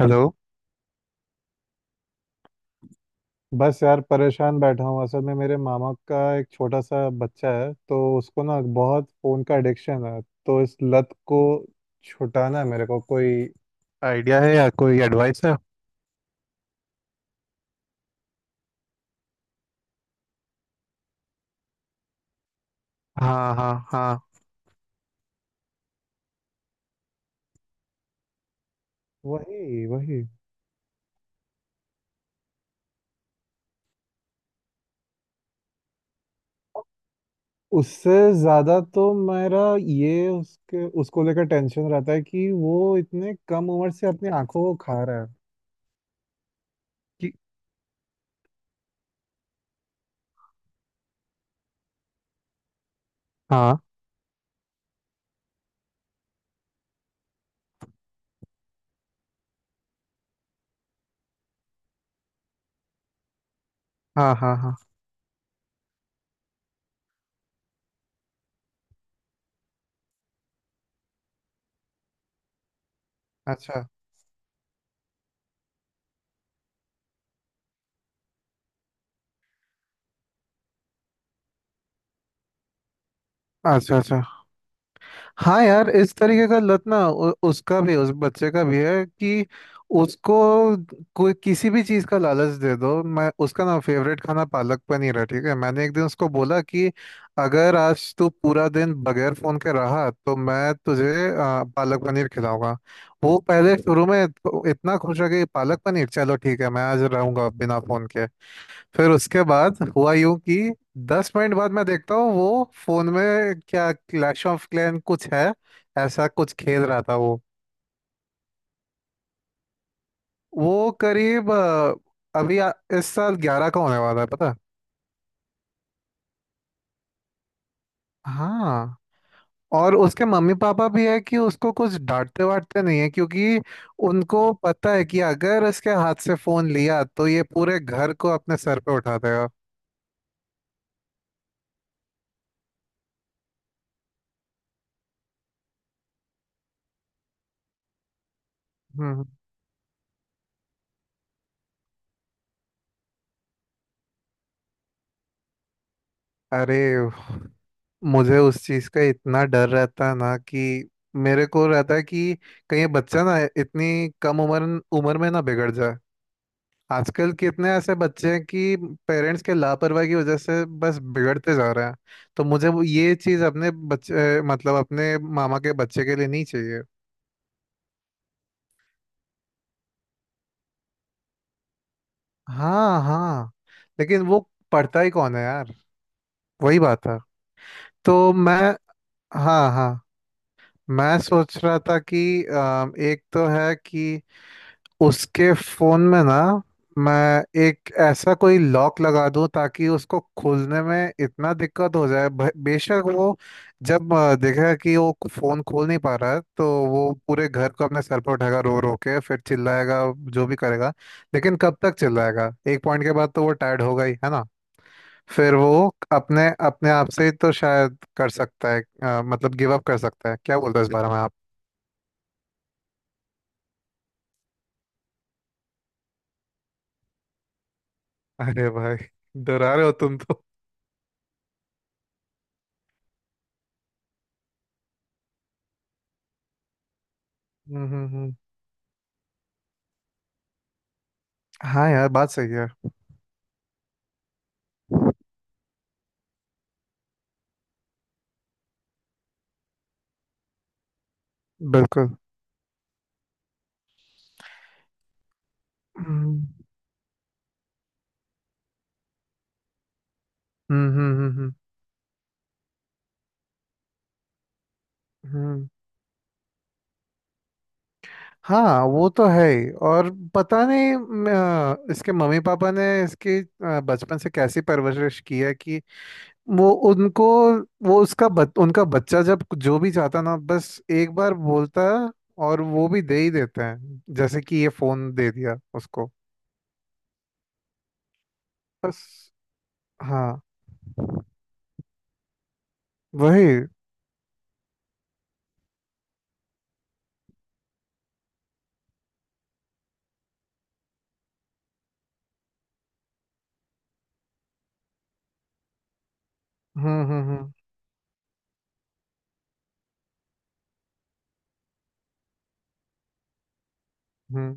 Hello. बस यार परेशान बैठा हूँ, असल में मेरे मामा का एक छोटा सा बच्चा है, तो उसको ना बहुत फ़ोन का एडिक्शन है। तो इस लत को छुटाना है, मेरे को कोई आइडिया है या कोई एडवाइस है? हाँ, हाँ, हाँ। वही, वही। उससे ज़्यादा तो मेरा ये उसके उसको लेकर टेंशन रहता है कि वो इतने कम उम्र से अपनी आंखों को खा रहा है। कि- हाँ, हाँ, हाँ, हाँ। अच्छा, अच्छा, अच्छा। हाँ यार, इस तरीके का लत ना उसका भी, उस बच्चे का भी है कि उसको कोई किसी भी चीज़ का लालच दे दो। मैं, उसका ना फेवरेट खाना पालक पनीर है, ठीक है। मैंने एक दिन उसको बोला कि अगर आज तू पूरा दिन बगैर फोन के रहा तो मैं तुझे पालक पनीर खिलाऊंगा। वो पहले शुरू में तो इतना खुश हो गई, पालक पनीर, चलो ठीक है, मैं आज रहूंगा बिना फोन के। फिर उसके बाद हुआ यूं कि 10 मिनट बाद मैं देखता हूँ वो फोन में क्या, क्लैश ऑफ क्लैन कुछ है, ऐसा कुछ खेल रहा था वो। वो करीब अभी इस साल 11 का होने वाला है पता। हाँ। और उसके मम्मी पापा भी है कि उसको कुछ डांटते वाटते नहीं है, क्योंकि उनको पता है कि अगर इसके हाथ से फोन लिया तो ये पूरे घर को अपने सर पे उठा देगा। हम्म। अरे मुझे उस चीज का इतना डर रहता है ना, कि मेरे को रहता है कि कहीं ये बच्चा ना इतनी कम उम्र उम्र में ना बिगड़ जाए। आजकल कितने ऐसे बच्चे हैं कि पेरेंट्स के लापरवाही की वजह से बस बिगड़ते जा रहे हैं। तो मुझे ये चीज अपने बच्चे, मतलब अपने मामा के बच्चे के लिए नहीं चाहिए। हाँ, हाँ। लेकिन वो पढ़ता ही कौन है यार। वही बात है। तो मैं। हाँ, हाँ। मैं सोच रहा था कि एक तो है कि उसके फोन में ना मैं एक ऐसा कोई लॉक लगा दूं, ताकि उसको खोलने में इतना दिक्कत हो जाए, बेशक वो जब देखेगा कि वो फोन खोल नहीं पा रहा है तो वो पूरे घर को अपने सर पर उठाएगा, रो रो के फिर चिल्लाएगा, जो भी करेगा। लेकिन कब तक चिल्लाएगा, एक पॉइंट के बाद तो वो टायर्ड होगा ही, है ना? फिर वो अपने अपने आप से ही तो शायद कर सकता है, मतलब गिव अप कर सकता है। क्या बोलते हो इस बारे में आप? अरे भाई, डरा रहे हो तुम तो। हम्म, हम्म। हाँ यार, बात सही है। बिल्कुल। हम्म, हम्म, हम्म। हम्म, हम्म, हम्म। हाँ वो तो है ही, और पता नहीं इसके मम्मी पापा ने इसकी बचपन से कैसी परवरिश की है कि वो उनको, वो उसका उनका बच्चा जब जो भी चाहता ना बस एक बार बोलता है और वो भी दे ही देते हैं, जैसे कि ये फोन दे दिया उसको। बस। हाँ। वही। हम्म, हम्म, हम्म। हम्म,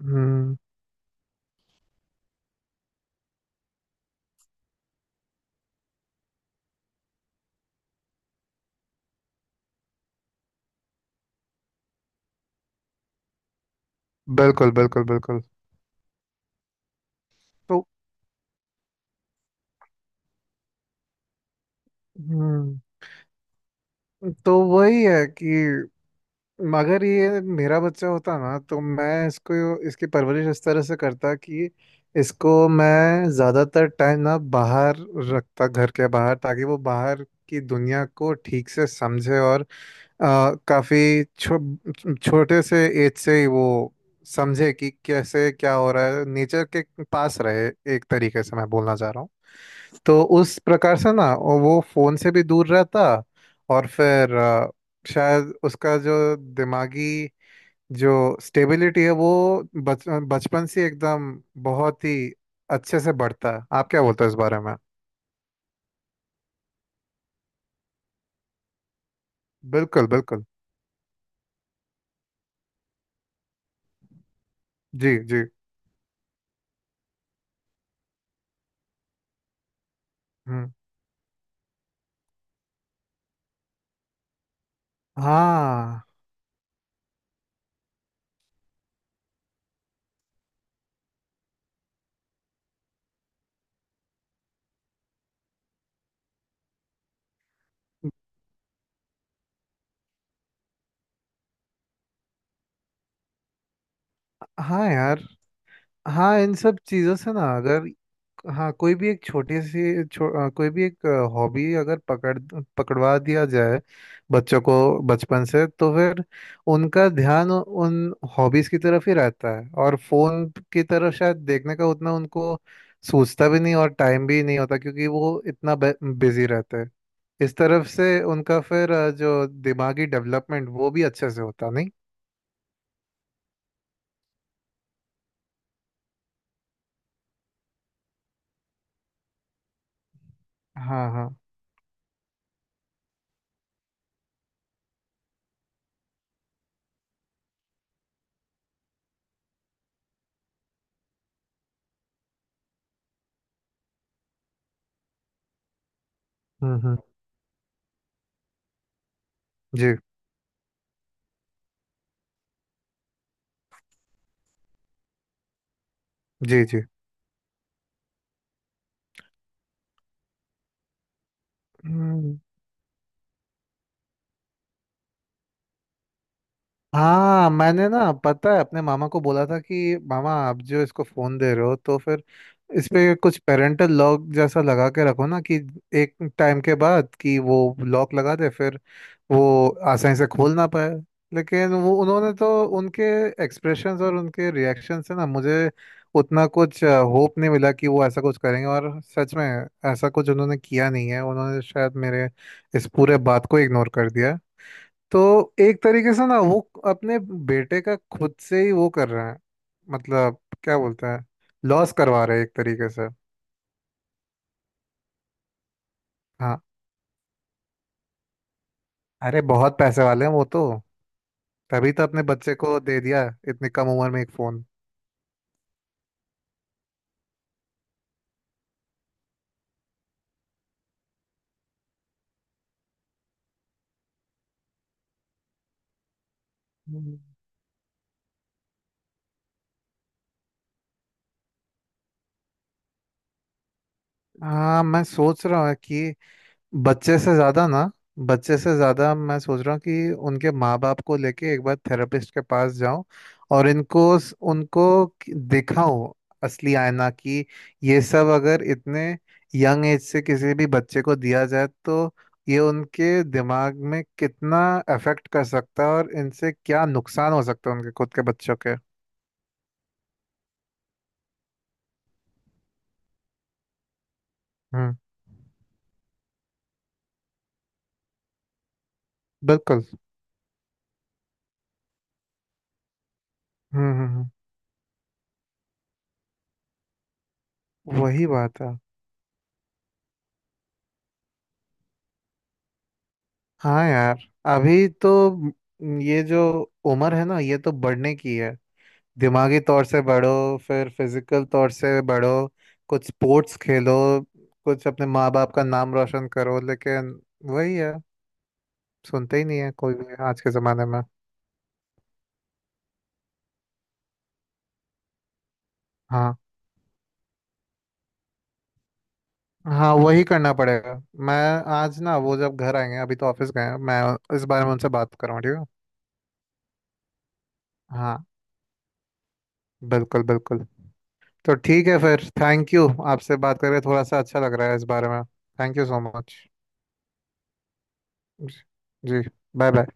हम्म। बिल्कुल, बिल्कुल, बिल्कुल। तो। हम्म। तो वही है कि अगर ये मेरा बच्चा होता ना, तो मैं इसको, इसकी परवरिश इस तरह से करता कि इसको मैं ज़्यादातर टाइम ना बाहर रखता, घर के बाहर, ताकि वो बाहर की दुनिया को ठीक से समझे और काफी छोटे से एज से ही वो समझे कि कैसे क्या हो रहा है, नेचर के पास रहे, एक तरीके से मैं बोलना चाह रहा हूँ। तो उस प्रकार से ना वो फोन से भी दूर रहता, और फिर शायद उसका जो दिमागी जो स्टेबिलिटी है वो बच बचपन से एकदम बहुत ही अच्छे से बढ़ता है। आप क्या बोलते हो इस बारे में? बिल्कुल, बिल्कुल। जी, जी। हम्म। हाँ। हाँ यार। हाँ, इन सब चीज़ों से ना, अगर हाँ कोई भी एक छोटी सी कोई भी एक हॉबी अगर पकड़वा दिया जाए बच्चों को बचपन से, तो फिर उनका ध्यान उन हॉबीज की तरफ ही रहता है और फोन की तरफ शायद देखने का उतना उनको सूझता भी नहीं, और टाइम भी नहीं होता क्योंकि वो इतना बिजी रहते हैं। इस तरफ से उनका फिर जो दिमागी डेवलपमेंट वो भी अच्छे से होता नहीं। हाँ, हाँ। हम्म, हम्म। जी, जी, जी। हम्म। हाँ मैंने ना, पता है, अपने मामा को बोला था कि मामा आप जो इसको फोन दे रहे हो तो फिर इस पे कुछ पेरेंटल लॉक जैसा लगा के रखो ना, कि एक टाइम के बाद कि वो लॉक लगा दे फिर वो आसानी से खोल ना पाए। लेकिन वो उन्होंने तो, उनके एक्सप्रेशंस और उनके रिएक्शन से ना मुझे उतना कुछ होप नहीं मिला कि वो ऐसा कुछ करेंगे। और सच में ऐसा कुछ उन्होंने किया नहीं है, उन्होंने शायद मेरे इस पूरे बात को इग्नोर कर दिया। तो एक तरीके से ना वो अपने बेटे का खुद से ही वो कर रहे हैं, मतलब क्या बोलते हैं, लॉस करवा रहे हैं एक तरीके से। हाँ, अरे बहुत पैसे वाले हैं वो तो, तभी तो अपने बच्चे को दे दिया इतनी कम उम्र में एक फोन। हम्म। हाँ मैं सोच रहा हूँ कि बच्चे से ज्यादा ना, बच्चे से ज्यादा मैं सोच रहा हूँ कि उनके माँ बाप को लेके एक बार थेरेपिस्ट के पास जाऊं और इनको उनको दिखाऊं असली आईना, कि ये सब अगर इतने यंग एज से किसी भी बच्चे को दिया जाए तो ये उनके दिमाग में कितना अफेक्ट कर सकता है और इनसे क्या नुकसान हो सकता है उनके खुद के बच्चों के। हम्म। बिल्कुल। हम्म, हम्म। वही बात है। हाँ यार, अभी तो ये जो उम्र है ना ये तो बढ़ने की है, दिमागी तौर से बढ़ो फिर फिजिकल तौर से बढ़ो, कुछ स्पोर्ट्स खेलो, कुछ अपने माँ बाप का नाम रोशन करो, लेकिन वही है, सुनते ही नहीं है कोई भी आज के ज़माने में। हाँ, हाँ वही करना पड़ेगा। मैं आज ना वो जब घर आएंगे, अभी तो ऑफिस गए हैं, मैं इस बारे में उनसे बात करूँ ठीक है। हाँ, बिल्कुल, बिल्कुल। तो ठीक है फिर, थैंक यू। आपसे बात करके थोड़ा सा अच्छा लग रहा है इस बारे में, थैंक यू सो मच। जी, बाय, बाय।